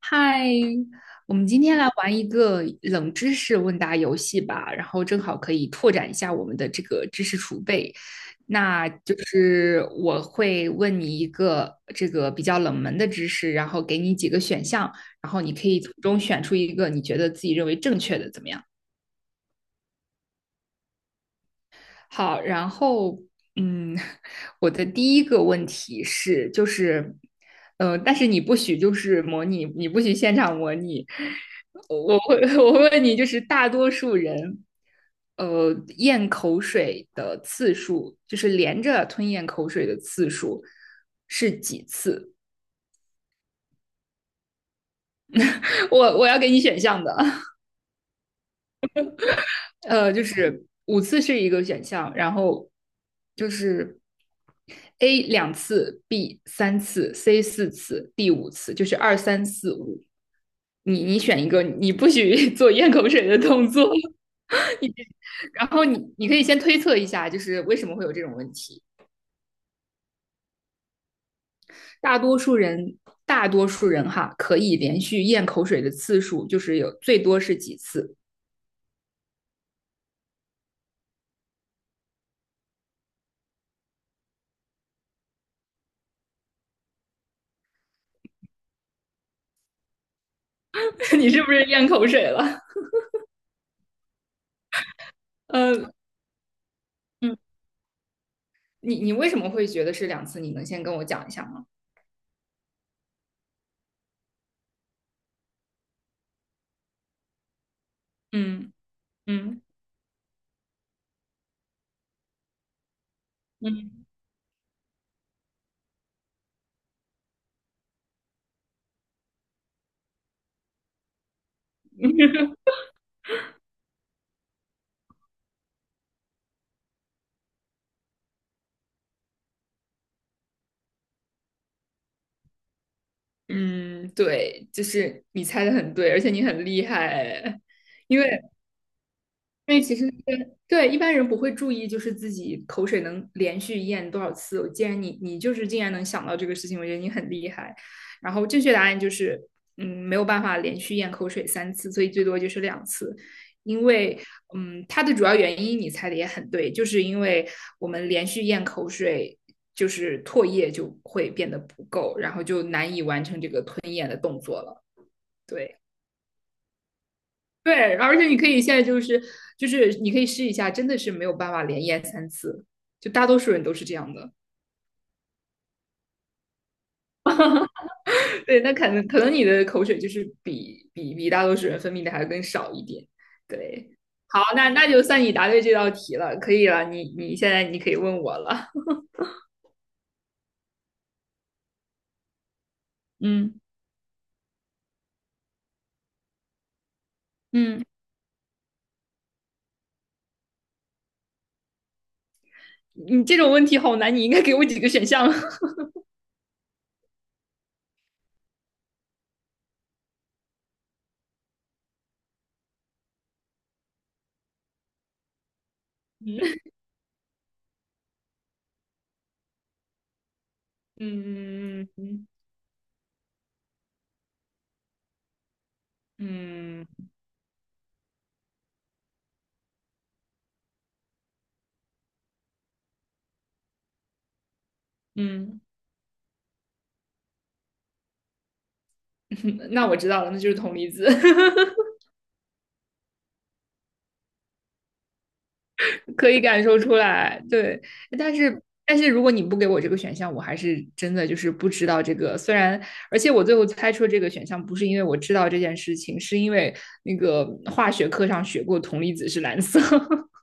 嗨，我们今天来玩一个冷知识问答游戏吧，然后正好可以拓展一下我们的这个知识储备。那就是我会问你一个这个比较冷门的知识，然后给你几个选项，然后你可以从中选出一个你觉得自己认为正确的，怎么样？好，然后嗯，我的第一个问题是，但是你不许就是模拟，你不许现场模拟。我会问你，就是大多数人，呃，咽口水的次数，就是连着吞咽口水的次数是几次？我要给你选项的。就是五次是一个选项，然后就是 A 两次，B 三次，C 四次，D 五次，就是二三四五。你选一个，你不许 做咽口水的动作。然后你可以先推测一下，就是为什么会有这种问题。大多数人，大多数人哈，可以连续咽口水的次数就是有最多是几次？你是不是咽口水了？呃，嗯，你为什么会觉得是两次？你能先跟我讲一下吗？嗯嗯嗯 嗯，对，就是你猜的很对，而且你很厉害，因为因为其实对一般人不会注意，就是自己口水能连续咽多少次。我既然你就是竟然能想到这个事情，我觉得你很厉害。然后正确答案就是，没有办法连续咽口水三次，所以最多就是两次。因为它的主要原因你猜的也很对，就是因为我们连续咽口水，就是唾液就会变得不够，然后就难以完成这个吞咽的动作了。对。对，而且你可以现在就是你可以试一下，真的是没有办法连咽三次，就大多数人都是这样的。对，那可能你的口水就是比大多数人分泌的还更少一点。对，好，那就算你答对这道题了，可以了，你现在你可以问我了。嗯嗯，你这种问题好难，你应该给我几个选项。嗯嗯嗯嗯嗯，那我知道了，那就是铜离子。可以感受出来，对。但是如果你不给我这个选项，我还是真的就是不知道这个。虽然，而且我最后猜出这个选项不是因为我知道这件事情，是因为那个化学课上学过铜离子是蓝色。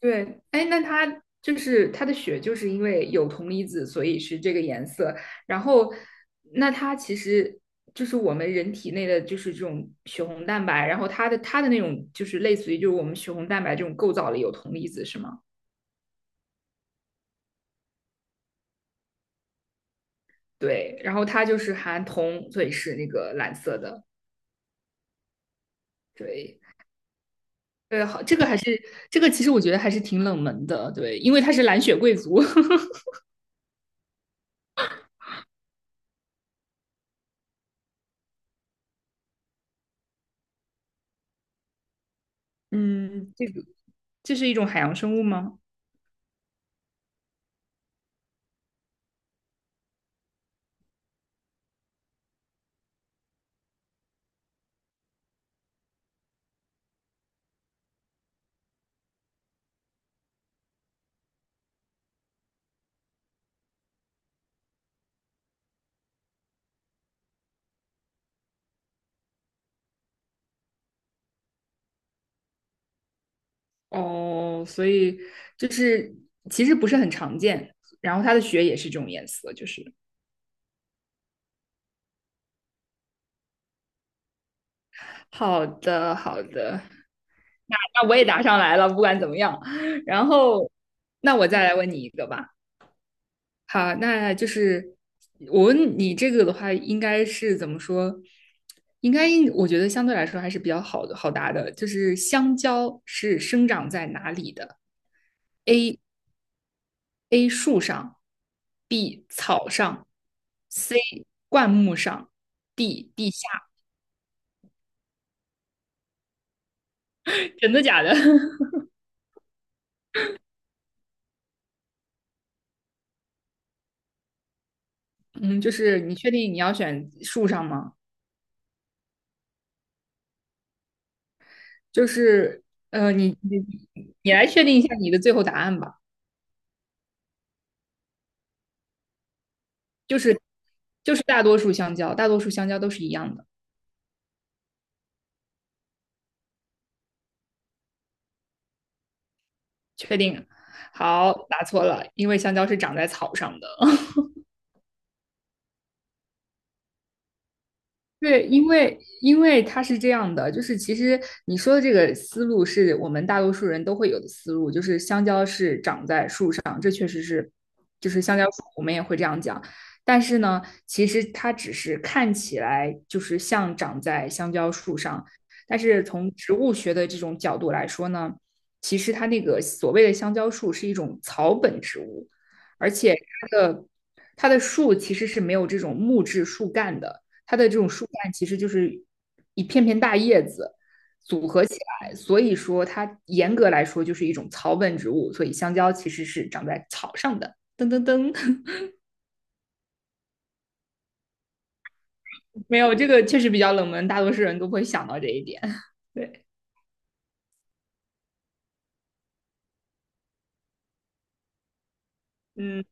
对，哎，那它就是它的血就是因为有铜离子，所以是这个颜色。然后，那它其实。就是我们人体内的就是这种血红蛋白，然后它的那种就是类似于就是我们血红蛋白这种构造里有铜离子是吗？对，然后它就是含铜，所以是那个蓝色的。对，对，好，这个还是这个，其实我觉得还是挺冷门的。对，因为它是蓝血贵族。嗯，这个这是一种海洋生物吗？哦，所以就是其实不是很常见。然后它的血也是这种颜色，就是好的，好的。那那我也答上来了，不管怎么样。然后那我再来问你一个吧。好，那就是我问你这个的话，应该是怎么说？应该应我觉得相对来说还是比较好的好答的，就是香蕉是生长在哪里的？A 树上，B 草上，C 灌木上，D 地下。真的假的？嗯，就是你确定你要选树上吗？就是呃，你你你来确定一下你的最后答案吧。就是就是大多数香蕉，大多数香蕉都是一样的。确定。好，答错了，因为香蕉是长在草上的。对，因为它是这样的，就是其实你说的这个思路是我们大多数人都会有的思路，就是香蕉是长在树上，这确实是，就是香蕉树，我们也会这样讲。但是呢，其实它只是看起来就是像长在香蕉树上，但是从植物学的这种角度来说呢，其实它那个所谓的香蕉树是一种草本植物，而且它的它的树其实是没有这种木质树干的。它的这种树干其实就是一片片大叶子组合起来，所以说它严格来说就是一种草本植物，所以香蕉其实是长在草上的。噔噔噔，没有这个确实比较冷门，大多数人都不会想到这一点。对，嗯，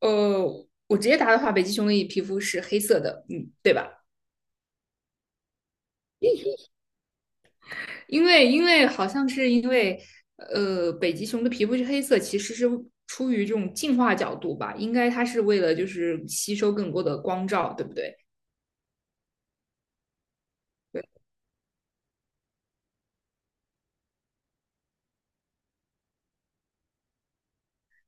呃，我直接答的话，北极熊的皮肤是黑色的，嗯，对吧？因为好像是因为北极熊的皮肤是黑色，其实是出于这种进化角度吧，应该它是为了就是吸收更多的光照，对不对？对，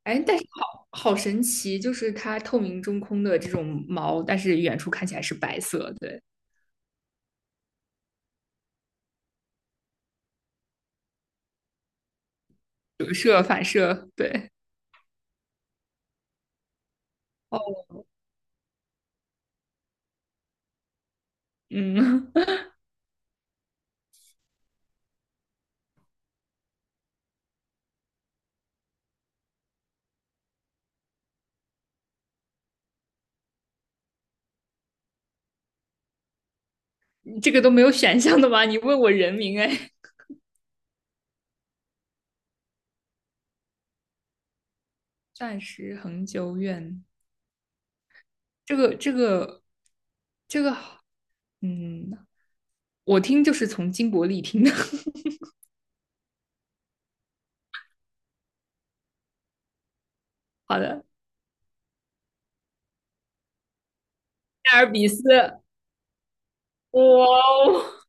哎，但是好好神奇，就是它透明中空的这种毛，但是远处看起来是白色，对，折射反射，对，哦，嗯，这个都没有选项的吗？你问我人名，哎，暂时恒久远，这个这个这个嗯，我听就是从金伯利听的。好的，艾尔比斯，哇哦，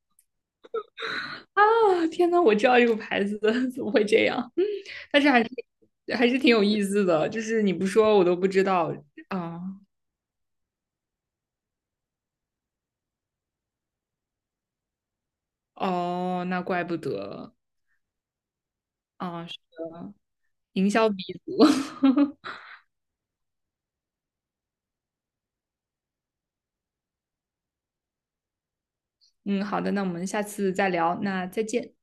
啊，天呐，我知道这个牌子的，怎么会这样？嗯但是还是挺有意思的，就是你不说我都不知道啊。哦，那怪不得啊，是的，营销鼻祖。嗯，好的，那我们下次再聊，那再见。